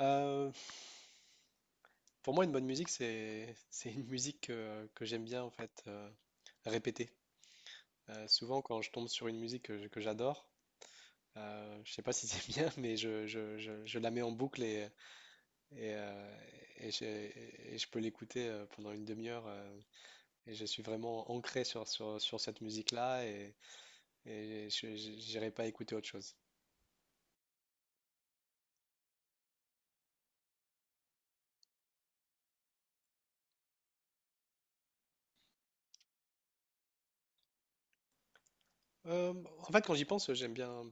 Euh, pour moi, une bonne musique, c'est c'est une musique que j'aime bien en fait répéter. Souvent, quand je tombe sur une musique que j'adore, je sais pas si c'est bien, mais je la mets en boucle et, et, euh, et je peux l'écouter pendant une demi-heure. Et je suis vraiment ancré sur cette musique-là et je n'irai pas écouter autre chose. Euh, En fait, quand j'y pense, j'aime bien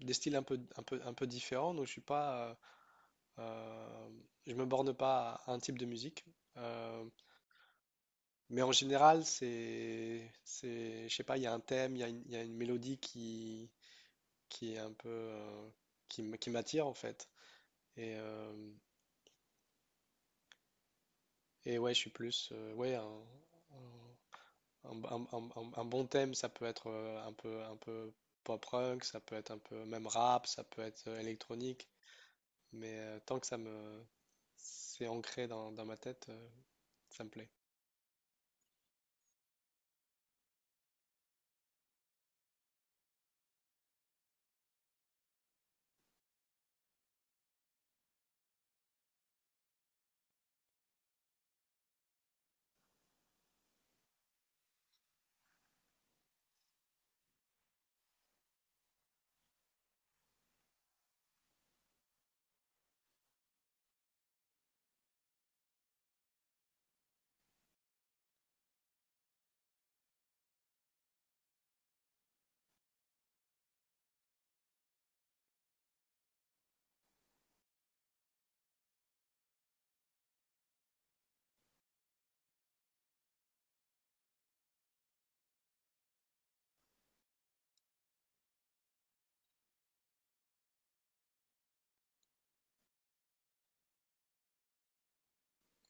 des styles un peu différents, donc je suis pas. Euh, je me borne pas à un type de musique. Euh, mais en général, c'est, je sais pas, il y a un thème, il y a une mélodie qui est un peu, qui m'attire en fait. Et, euh, et ouais, je suis plus, ouais, un bon thème, ça peut être un peu pop punk, ça peut être un peu même rap, ça peut être électronique. Mais tant que ça me, c'est ancré dans ma tête, ça me plaît.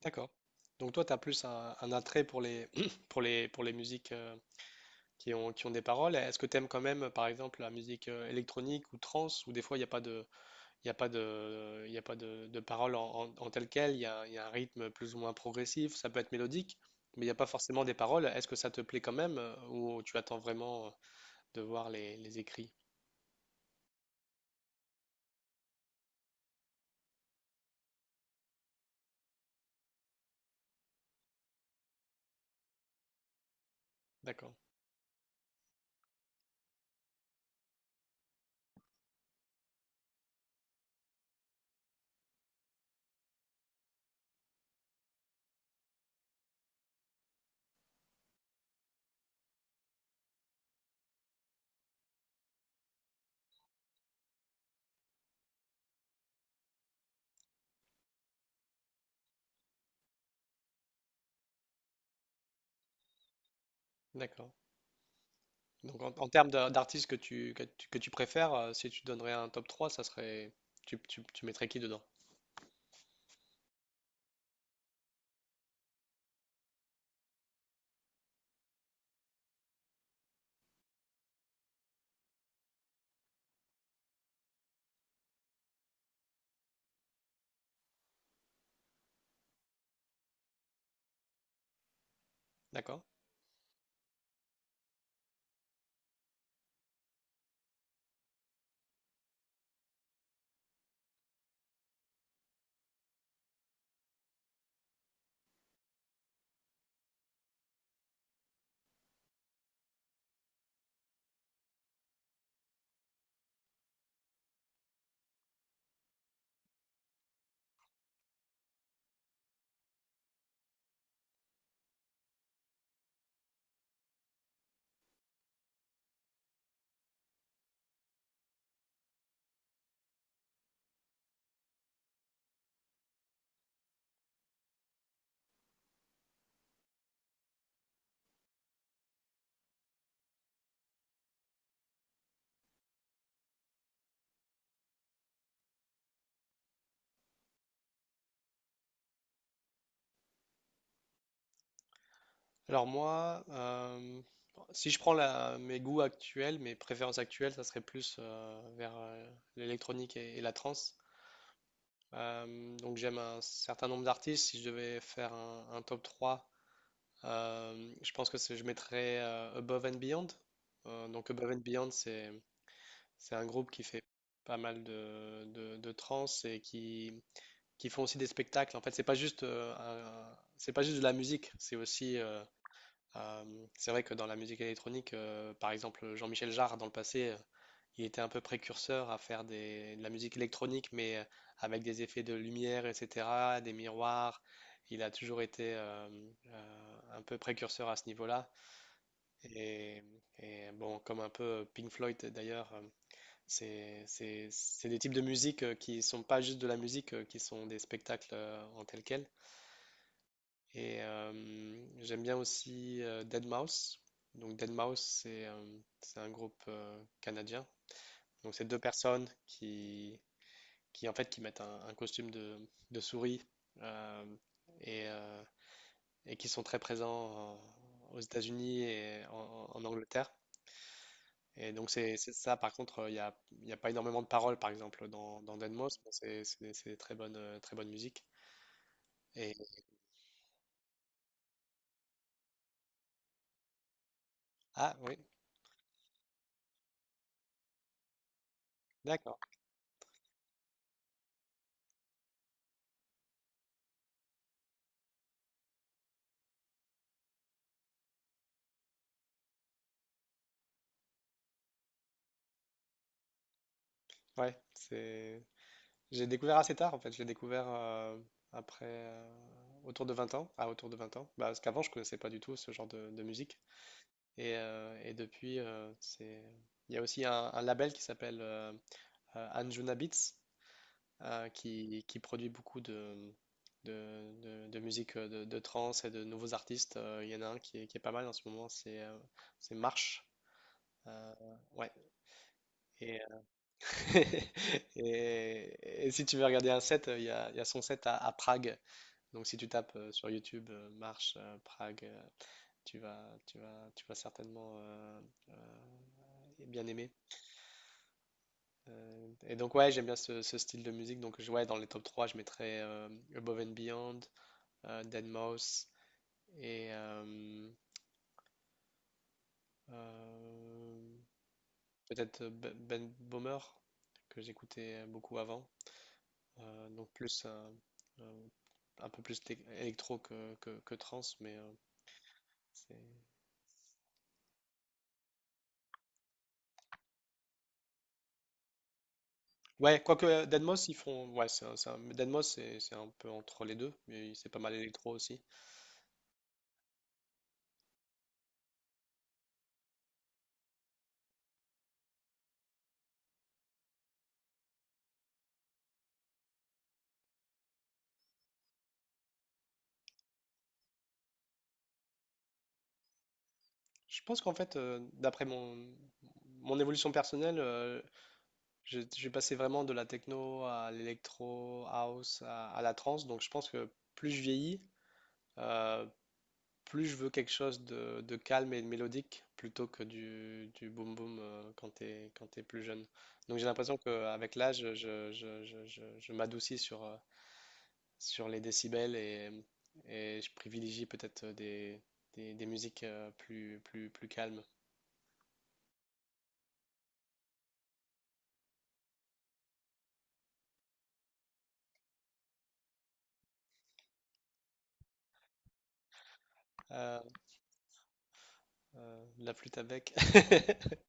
D'accord. Donc toi, tu as plus un attrait pour les, pour les musiques qui ont des paroles. Est-ce que tu aimes quand même, par exemple, la musique électronique ou trance, où des fois, il y a pas de paroles en telle quelle, il y a un rythme plus ou moins progressif, ça peut être mélodique, mais il n'y a pas forcément des paroles. Est-ce que ça te plaît quand même, ou tu attends vraiment de voir les écrits? D'accord, d'accord. Donc en d'artistes que tu préfères, si tu donnerais un top 3, ça serait, tu mettrais qui dedans? D'accord? Alors moi, si je prends mes goûts actuels, mes préférences actuelles, ça serait plus vers l'électronique et la trance. Donc j'aime un certain nombre d'artistes. Si je devais faire un top 3, je pense que je mettrais Above and Beyond. Donc Above and Beyond, c'est un groupe qui fait pas mal de trance et qui font aussi des spectacles. En fait, c'est pas juste, c'est pas juste de la musique, c'est aussi. C'est vrai que dans la musique électronique, par exemple, Jean-Michel Jarre, dans le passé, il était un peu précurseur à faire de la musique électronique, mais avec des effets de lumière, etc., des miroirs. Il a toujours été un peu précurseur à ce niveau-là. Et, et bon, comme un peu Pink Floyd d'ailleurs, c'est des types de musique qui sont pas juste de la musique, qui sont des spectacles en tel quel. Et j'aime bien aussi deadmau5. Donc deadmau5, c'est un groupe canadien. Donc c'est deux personnes qui en fait qui mettent un costume de souris euh, et et qui sont très présents aux États-Unis et en Angleterre. Et donc c'est ça. Par contre, y a pas énormément de paroles, par exemple, dans deadmau5, mais c'est très bonne musique. Et ah oui, d'accord. Ouais, c'est J'ai découvert assez tard en fait, je l'ai découvert après autour de 20 ans, ah autour de 20 ans, bah, parce qu'avant je connaissais pas du tout ce genre de musique et depuis c'est il y a aussi un label qui s'appelle Anjuna Beats qui produit beaucoup de musique de trance et de nouveaux artistes. Il y en a un qui est pas mal en ce moment, c'est Marche. Euh, ouais et, euh, et si tu veux regarder un set, il y a son set à Prague. Donc si tu tapes sur YouTube marche Prague, tu vas certainement euh, bien aimer. Et donc ouais, j'aime bien ce style de musique. Donc ouais, dans les top 3 je mettrais Above and Beyond, deadmau5 et euh, peut-être Ben Bomer que j'écoutais beaucoup avant. Donc plus euh, un peu plus électro que trance, mais c'est. Ouais, quoique Deadmau5, ils font. Ouais, Deadmau5, c'est un peu entre les deux, mais c'est pas mal électro aussi. Je pense qu'en fait, d'après mon évolution personnelle, j'ai passé vraiment de la techno à l'électro, house, à la trance. Donc je pense que plus je vieillis, euh, plus je veux quelque chose de calme et de mélodique plutôt que du boom boom quand t'es plus jeune. Donc j'ai l'impression qu'avec l'âge, je m'adoucis sur les décibels et je privilégie peut-être des musiques plus calmes. Euh, la flûte à bec.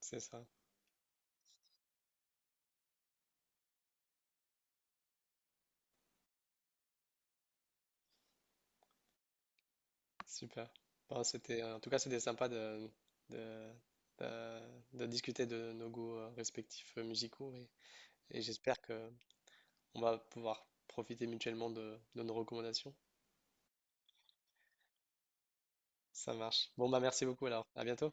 C'est ça, super. Bon, c'était, en tout cas, c'était sympa de, de, de discuter de nos goûts respectifs musicaux et j'espère que on va pouvoir profiter mutuellement de nos recommandations. Ça marche. Bon, bah merci beaucoup alors. À bientôt.